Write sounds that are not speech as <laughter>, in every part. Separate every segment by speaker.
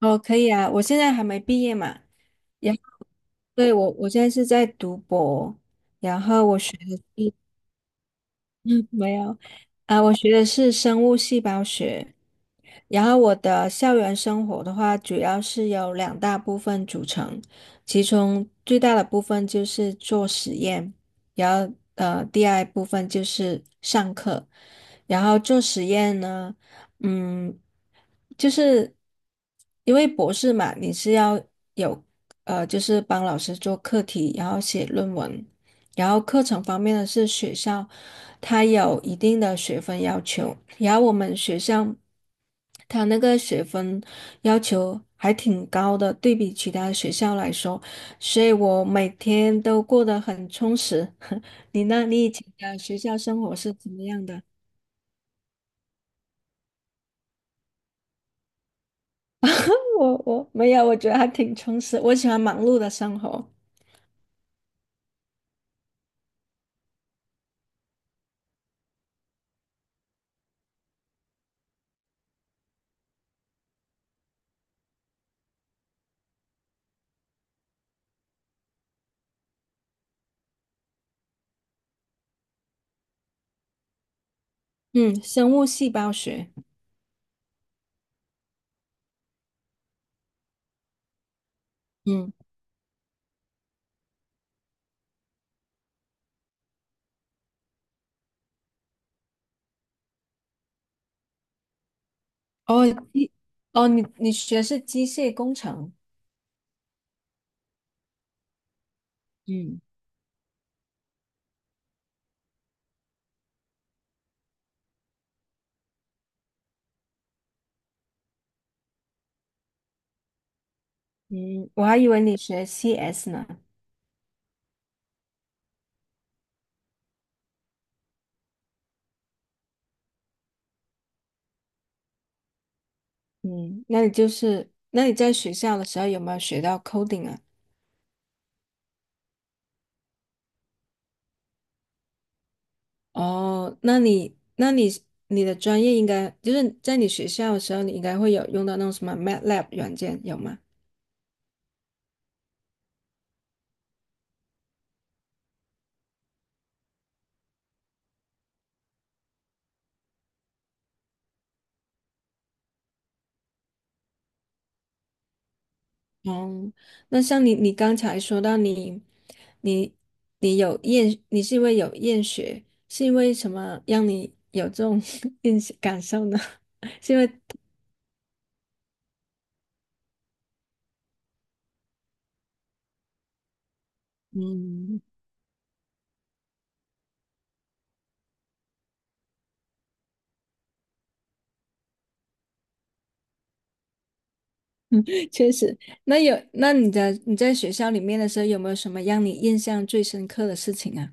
Speaker 1: 哦，可以啊，我现在还没毕业嘛，然后对，我现在是在读博，然后我学的是没有，啊、我学的是生物细胞学，然后我的校园生活的话，主要是由两大部分组成，其中最大的部分就是做实验，然后第二部分就是上课，然后做实验呢，嗯，就是因为博士嘛，你是要有就是帮老师做课题，然后写论文。然后课程方面呢，是学校它有一定的学分要求，然后我们学校它那个学分要求还挺高的，对比其他学校来说，所以我每天都过得很充实。<laughs> 你呢？你以前的学校生活是怎么样的？我没有，我觉得还挺充实，我喜欢忙碌的生活。嗯，生物细胞学。嗯，哦，机，哦，你学是机械工程。嗯。嗯，我还以为你学 CS 呢。嗯，那你就是，那你在学校的时候有没有学到 coding 啊？哦，那你，那你的专业应该就是在你学校的时候，你应该会有用到那种什么 MATLAB 软件，有吗？哦，那像你，你刚才说到你，你你有厌，你是因为有厌学，是因为什么让你有这种 <laughs> 厌感受呢？<laughs> 是因为嗯。确实，那你在学校里面的时候，有没有什么让你印象最深刻的事情啊？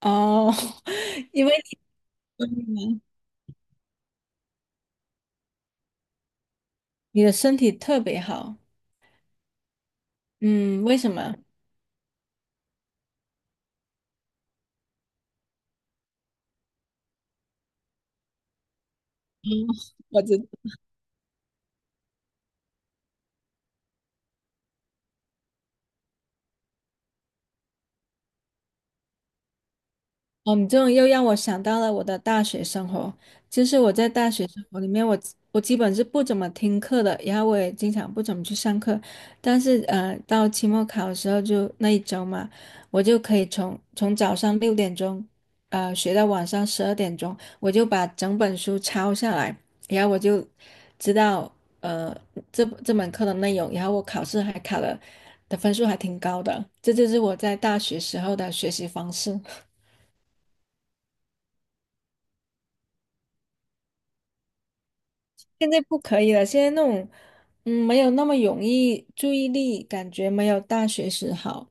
Speaker 1: 哦，<laughs> 因为你你的身体特别好，嗯，为什么？嗯，我知哦，你这种又让我想到了我的大学生活。就是我在大学生活里面，我基本是不怎么听课的，然后我也经常不怎么去上课。但是到期末考的时候就那一周嘛，我就可以从早上6点钟，学到晚上12点钟，我就把整本书抄下来，然后我就知道呃这门课的内容，然后我考试还考了的分数还挺高的。这就是我在大学时候的学习方式。现在不可以了，现在那种，嗯，没有那么容易，注意力感觉没有大学时好，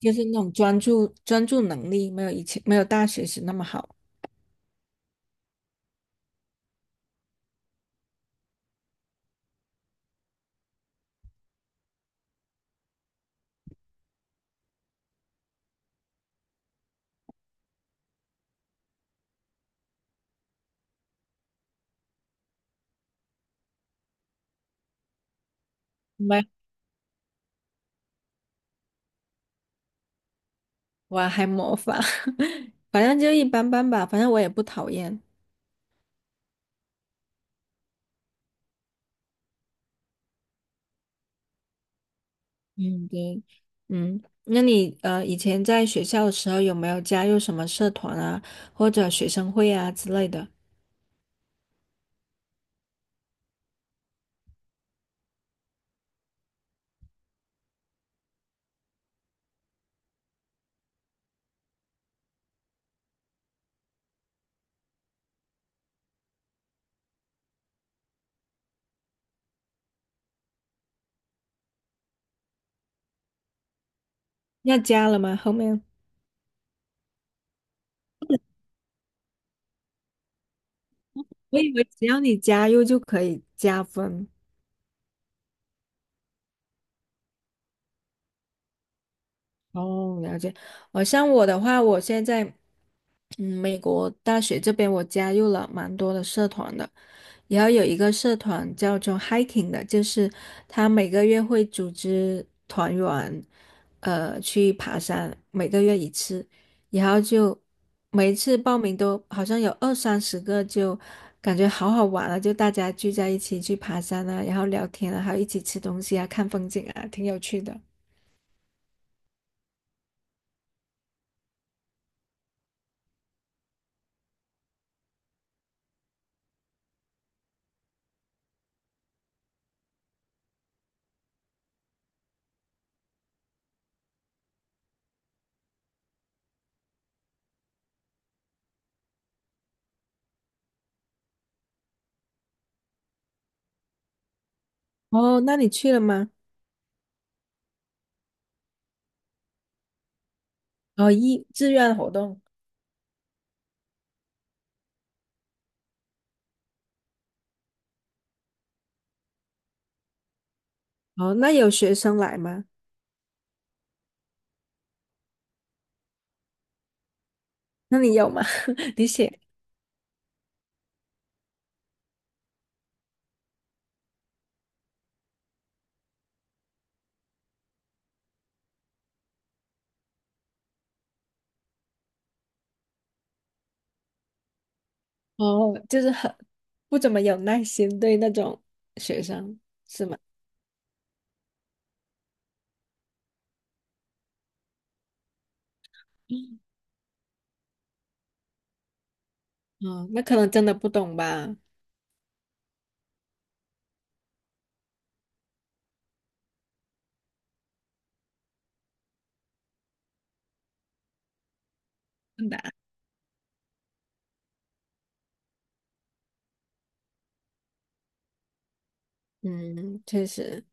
Speaker 1: 就是那种专注能力没有以前没有大学时那么好。没，我还模仿，<laughs> 反正就一般般吧，反正我也不讨厌。嗯，对，嗯，那你以前在学校的时候有没有加入什么社团啊，或者学生会啊之类的？要加了吗？后面我以为只要你加入就可以加分。哦，了解。像我的话，我现在美国大学这边我加入了蛮多的社团的，然后有一个社团叫做 hiking 的，就是他每个月会组织团员，去爬山，每个月一次，然后就每一次报名都好像有二三十个，就感觉好好玩啊，就大家聚在一起去爬山啊，然后聊天啊，还有一起吃东西啊，看风景啊，挺有趣的。哦，那你去了吗？哦，志愿活动，哦，那有学生来吗？那你有吗？<laughs> 你写，哦，就是很不怎么有耐心对那种学生，哦，那可能真的不懂吧，问答，嗯，确实。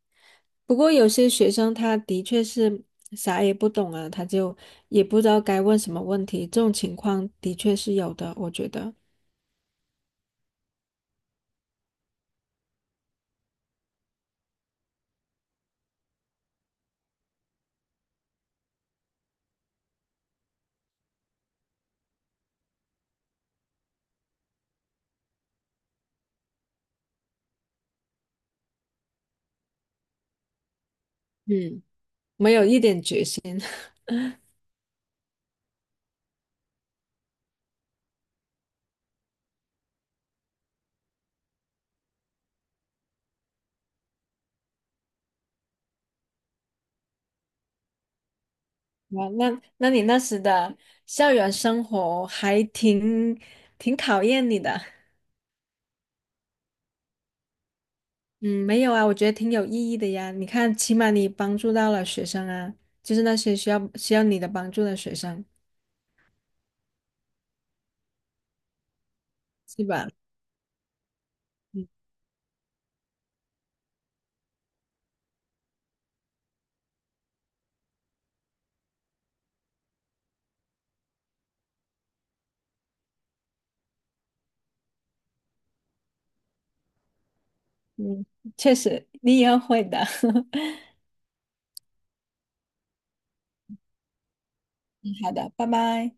Speaker 1: 不过有些学生他的确是啥也不懂啊，他就也不知道该问什么问题，这种情况的确是有的，我觉得，嗯，没有一点决心。哇，那你那时的校园生活还挺考验你的。嗯，没有啊，我觉得挺有意义的呀。你看，起码你帮助到了学生啊，就是那些需要你的帮助的学生，是吧？嗯嗯，确实，你以后会的。<laughs> 嗯好的，拜拜。